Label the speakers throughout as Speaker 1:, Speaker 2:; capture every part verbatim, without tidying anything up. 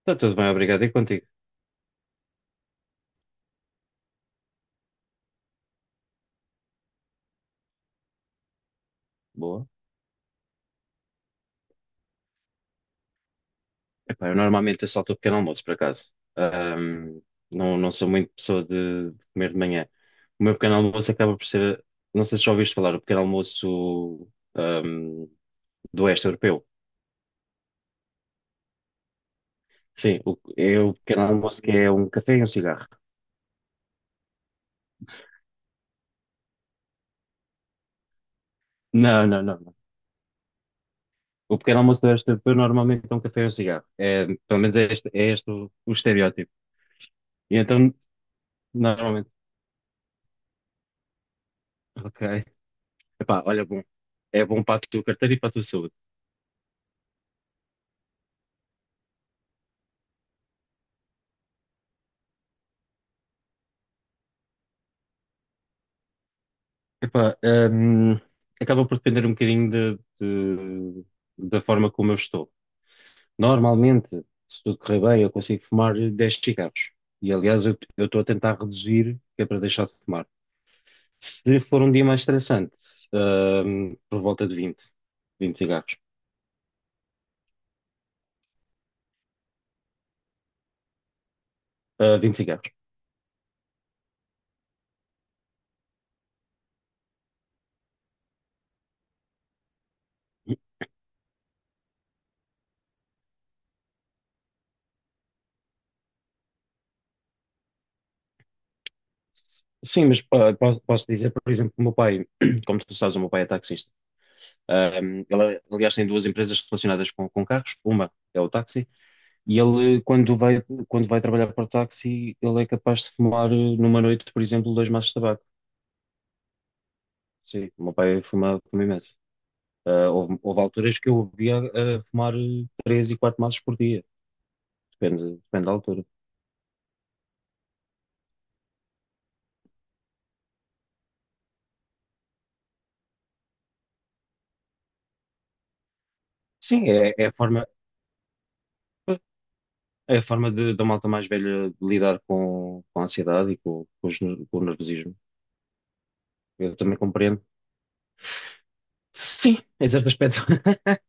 Speaker 1: Está tudo bem, obrigado. E contigo? Boa. Epá, eu normalmente eu salto o pequeno almoço, por acaso. Ahm, não, não sou muito pessoa de, de comer de manhã. O meu pequeno almoço acaba por ser, não sei se já ouviste falar, o pequeno almoço, ahm, do Oeste Europeu. Sim, o, é o pequeno almoço que é um café e um cigarro. Não, não, não. Não. O pequeno almoço do Oeste Europeu normalmente é um café e um cigarro. É, pelo menos é este, é este o, o estereótipo. E então, normalmente, ok. Epá, olha, bom. É bom para a tua carteira e para a tua saúde. Epá, hum, acaba por depender um bocadinho de- de- da forma como eu estou. Normalmente, se tudo correr bem, eu consigo fumar dez cigarros. E aliás, eu eu estou a tentar reduzir, que é para deixar de fumar. Se for um dia mais estressante, hum, por volta de vinte, vinte cigarros. Ah, vinte cigarros. Sim, mas pá, posso, posso dizer, por exemplo, que o meu pai, como tu sabes, o meu pai é taxista. Ahm, ele, aliás, tem duas empresas relacionadas com, com carros. Uma é o táxi. E ele, quando vai, quando vai trabalhar para o táxi, ele é capaz de fumar eh, numa noite, por exemplo, dois maços de tabaco. Sim, o meu pai fuma, fuma imenso. Ah, houve, houve alturas que eu o via a fumar eh, três e quatro maços por dia. Depende, depende da altura. Sim, é, é a forma, é a forma, de, da malta mais velha lidar com, com a ansiedade e com, com os ner- com o nervosismo. Eu também compreendo. Sim, em certo aspecto,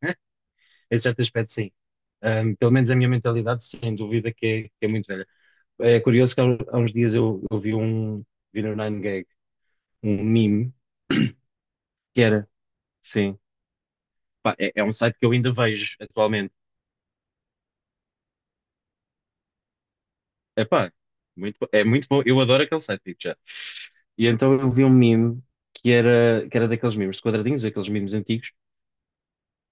Speaker 1: em certo aspecto, sim. Ah, pelo menos a minha mentalidade, sem dúvida, que é que é muito velha. É curioso que há uns há uns dias eu, eu vi um vi no nine gag um meme que era, sim, pá, é, é um site que eu ainda vejo atualmente. É pá, muito, bo- é muito bom, eu adoro aquele site, digo já. E então eu vi um meme que era, que era daqueles memes de quadradinhos, aqueles memes antigos,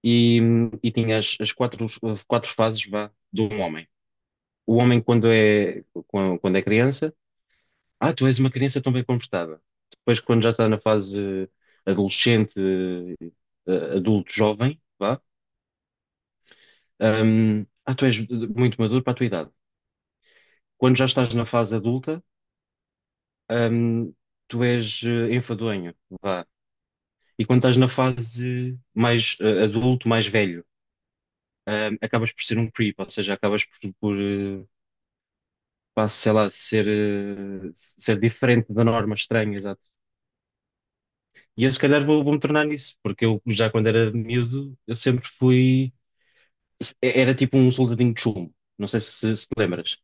Speaker 1: e, e tinha as, as quatro, quatro fases, vá, de um homem. O homem quando é, quando quando é criança. Ah, tu és uma criança tão bem comportada. Depois, quando já está na fase adolescente, eh, adulto, jovem, vá, hum, ah, tu és muito maduro para a tua idade. Quando já estás na fase adulta, hum, tu és eh, enfadonho, vá. E quando estás na fase mais eh, adulto, mais velho, hum, acabas por ser um creep, ou seja, acabas por, por eh, pá, sei lá, ser, eh, ser diferente da norma, estranho, exato. E eu se calhar vou, vou-me tornar nisso, porque eu já quando era miúdo, eu sempre fui. Era tipo um soldadinho de chumbo. Não sei se, se te lembras.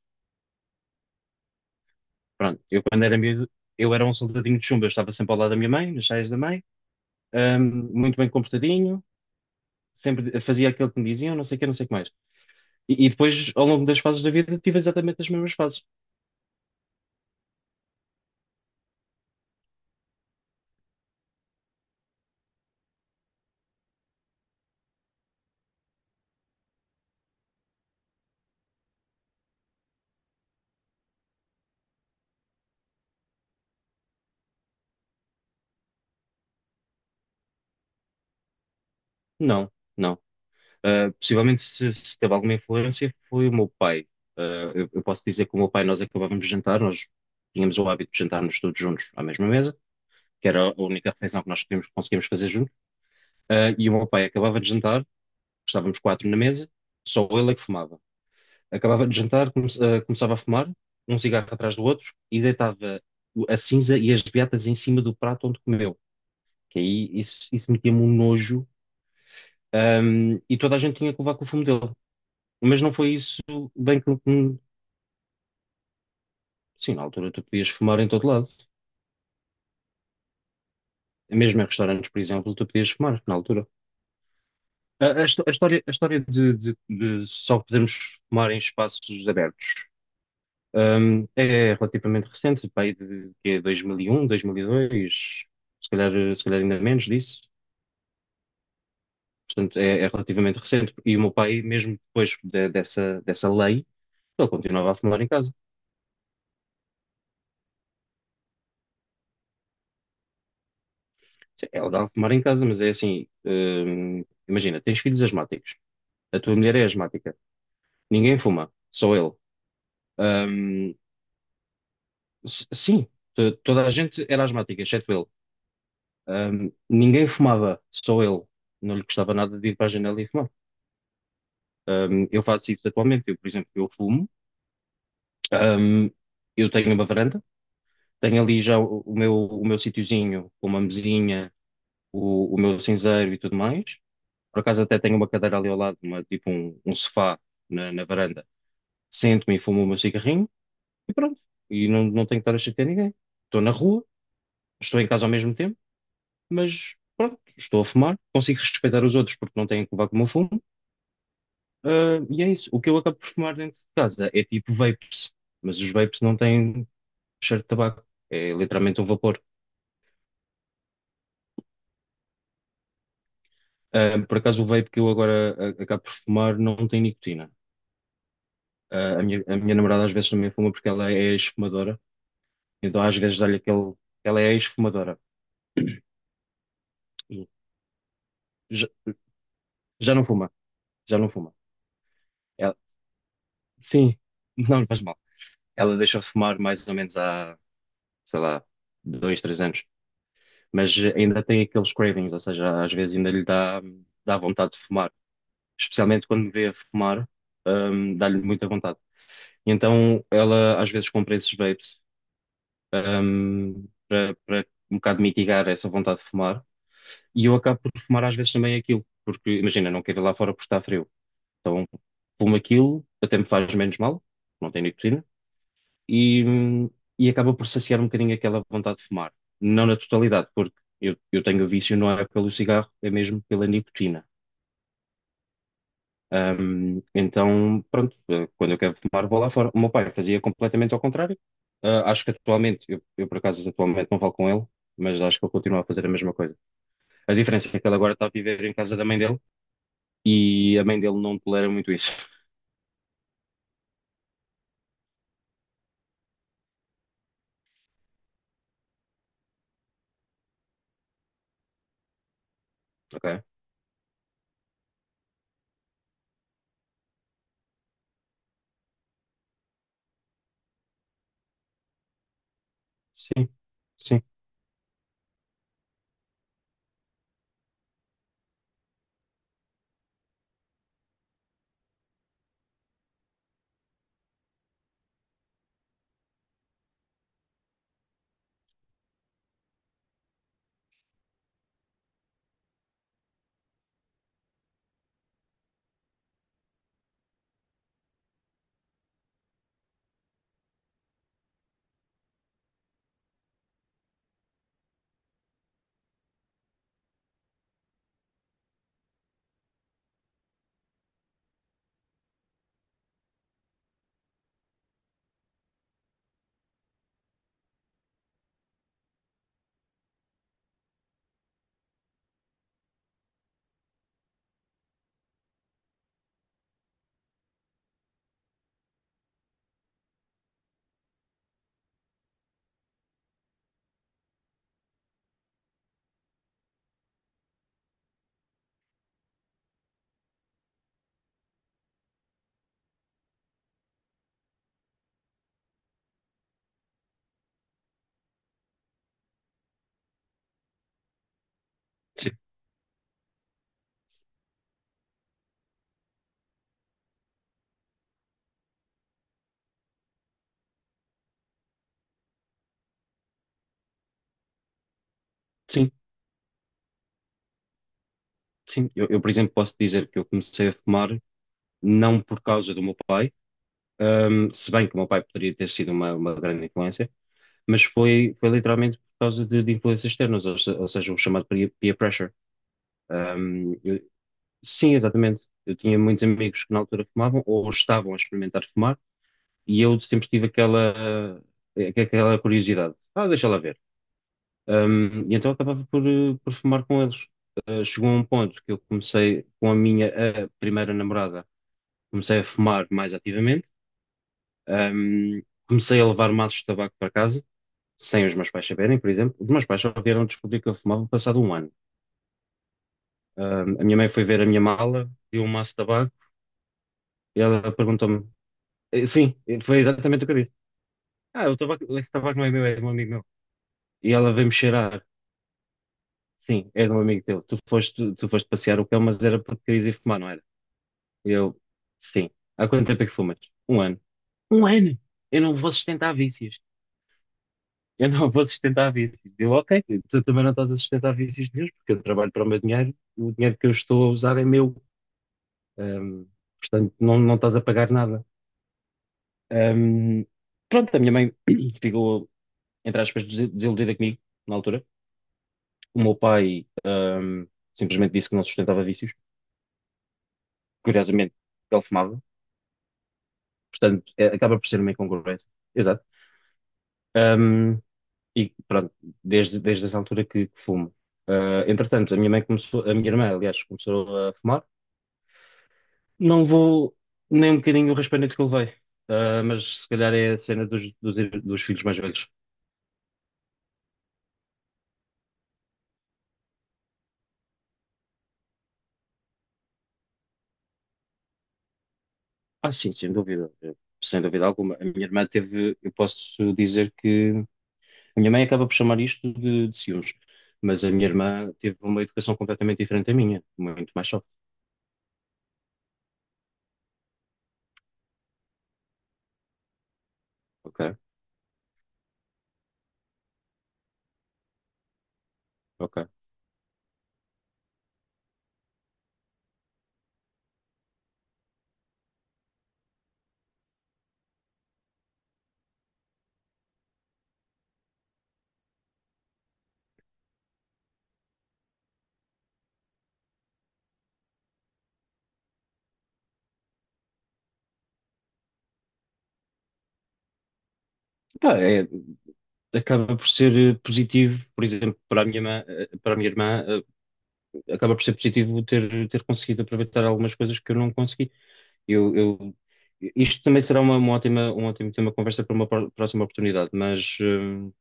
Speaker 1: Pronto, eu quando era miúdo, eu era um soldadinho de chumbo. Eu estava sempre ao lado da minha mãe, nas saias da mãe, hum, muito bem comportadinho, sempre fazia aquilo que me diziam, não sei o que, não sei o que mais. E, e depois, ao longo das fases da vida, tive exatamente as mesmas fases. Não, não. Uh, possivelmente se, se teve alguma influência foi o meu pai. Uh, eu, eu posso dizer que o meu pai, nós acabávamos de jantar, nós tínhamos o hábito de jantarmos todos juntos à mesma mesa, que era a única refeição que nós podíamos- conseguíamos fazer juntos. Uh, e o meu pai acabava de jantar, estávamos quatro na mesa, só ele é que fumava. Acabava de jantar, come- uh, começava a fumar, um cigarro atrás do outro, e deitava o- a cinza e as beatas em cima do prato onde comeu. Que aí isso, isso metia-me um nojo, um, e toda a gente tinha que levar com o fumo dele. Mas não foi isso bem que. que- Sim, na altura tu podias fumar em todo lado. Mesmo em restaurantes, por exemplo, tu podias fumar na altura. A, a histó- a história, a história de, de- de só podermos fumar em espaços abertos, hum, é relativamente recente, pá, aí de, que é dois mil e um, dois mil e dois, se calhar, se calhar ainda menos disso. Portanto, é, é relativamente recente. E o meu pai, mesmo depois de- dessa, dessa lei, ele continuava a fumar em casa. Sim, é legal fumar em casa, mas é assim, hum, imagina, tens filhos asmáticos. A tua mulher é asmática. Ninguém fuma, só ele. Ahm, s- sim, to- toda a gente era asmática, exceto ele. Ahm, ninguém fumava, só ele. Não lhe gostava nada de ir para a janela e fumar. Ahm, eu faço isso atualmente. Eu, por exemplo, eu fumo. Ahm, eu tenho uma varanda. Tenho ali já o, o meu, o meu sitiozinho, com uma mesinha, o, o meu cinzeiro e tudo mais. Por acaso até tenho uma cadeira ali ao lado, uma- tipo um, um sofá na na varanda. Sento-me e fumo o meu cigarrinho. E pronto. E não, não tenho que estar a chatear ninguém. Estou na rua, estou em casa ao mesmo tempo, mas pronto, estou a fumar, consigo respeitar os outros porque não têm que levar com o meu fumo. Ah, e é isso. O que eu acabo por fumar dentro de casa é tipo vapes, mas os vapes não têm cheiro de tabaco. É literalmente um vapor. Ah, por acaso o vape que eu agora ah, acabo por fumar não tem nicotina. Ah, a minha, a minha namorada às vezes também fuma porque ela é ex-fumadora, então às vezes dá-lhe aquele. Ela é ex-fumadora. E Já, já não fuma, já não fuma. Sim, não faz mal. Ela deixa fumar mais ou menos há, sei lá, dois, três anos. Mas ainda tem aqueles cravings, ou seja, às vezes ainda lhe dá, dá vontade de fumar. Especialmente quando me vê a fumar, hum, dá-lhe muita vontade. E então ela às vezes compra esses vapes, hum, para, para um bocado mitigar essa vontade de fumar. E eu acabo por fumar às vezes também aquilo, porque imagina, não quero ir lá fora porque está frio. Então fumo aquilo, até me faz menos mal, não tem nicotina e, e acaba por saciar um bocadinho aquela vontade de fumar. Não na totalidade, porque eu, eu tenho o vício, não é pelo cigarro, é mesmo pela nicotina. Então, pronto, eh, quando eu quero fumar, vou lá fora. O meu pai fazia completamente ao contrário. Ah, acho que atualmente, eu, eu por acaso atualmente não falo com ele, mas acho que ele continua a fazer a mesma coisa. A diferença é que ele agora está a viver em casa da mãe dele e a mãe dele não tolera muito isso. Ok? Sim, sim, sim, sim, sim. Eu, eu, por exemplo, posso dizer que eu comecei a fumar não por causa do meu pai. Um, se bem que o meu pai poderia ter sido uma, uma grande influência, mas foi, foi literalmente por causa de, de influências externas, ou, se- ou seja, o chamado peer, peer pressure. Um, eu- sim, exatamente. Eu tinha muitos amigos que na altura fumavam ou estavam a experimentar fumar e eu sempre tive aquela, eh, aquela curiosidade. Ah, deixa lá ver. Um, e então eu acabava por, eh, por fumar com eles. Eh, chegou a um ponto que eu comecei com a minha eh, primeira namorada, comecei a fumar mais ativamente. Ahm, comecei a levar maços de tabaco para casa, sem os meus pais saberem, por exemplo. Os meus pais só vieram descobrir que eu fumava passado um ano. Ahm, a minha mãe foi ver a minha mala, viu um maço de tabaco e ela perguntou-me: eh, Sim, foi exatamente o que eu disse. Ah, o tabaco, esse tabaco não é meu, é de um amigo meu. E ela veio-me cheirar: Sim, é de um amigo teu. Tu foste, tu foste passear o cão, mas era porque querias ir fumar, não era? E eu: Sim. Há quanto tempo é que fumas? Um ano. Um ano? Eu não vou sustentar vícios. Eu não vou sustentar vícios. Eu, ok, tu tu também não estás a sustentar vícios meus, porque eu trabalho para o meu dinheiro, o dinheiro que eu estou a usar é meu. Ahm, portanto, não, não estás a pagar nada. Ahm, pronto, a minha mãe ficou, entre aspas, des- desiludida comigo na altura. O meu pai, ahm, simplesmente disse que não sustentava vícios. Curiosamente, ele fumava, portanto, é- acaba por ser uma incongruência. Exato. E pronto, desde, desde essa altura que, que, fumo. Ah, entretanto, a minha mãe começou, a minha irmã, aliás, começou a fumar. Não vou nem um bocadinho o raspanete que eu levei. Ah, mas se calhar é a cena dos, dos, ir- dos filhos mais velhos. Ah, sim, sem dúvida, eh, sem dúvida alguma. A minha irmã teve, eu posso dizer que a minha mãe acaba por chamar isto de, de ciúmes, mas a minha irmã teve uma educação completamente diferente da minha, muito mais soft. Ok, ok. Pá, é, acaba por ser eh, positivo, por exemplo, para a minha, ma- eh, para a minha irmã, eh, acaba por ser positivo ter, ter, conseguido aproveitar algumas coisas que eu não consegui. Eu, eu- isto também será uma, uma ótima, um ótimo tema de conversa para uma pró- próxima oportunidade, mas hum,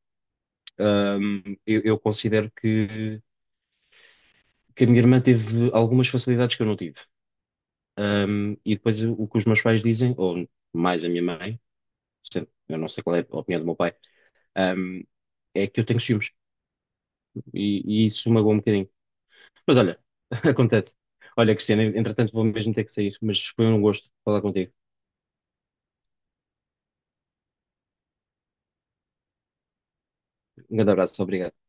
Speaker 1: hum, eu, eu considero que, que a minha irmã teve algumas facilidades que eu não tive. Hum, e depois o o que os meus pais dizem, ou mais a minha mãe, eu não sei qual é a opinião do meu pai, hum, é que eu tenho ciúmes. E, e isso magoa um bocadinho. Mas olha, acontece. Olha, Cristiana, entretanto vou mesmo ter que sair, mas foi um gosto falar contigo. Um grande abraço, obrigado.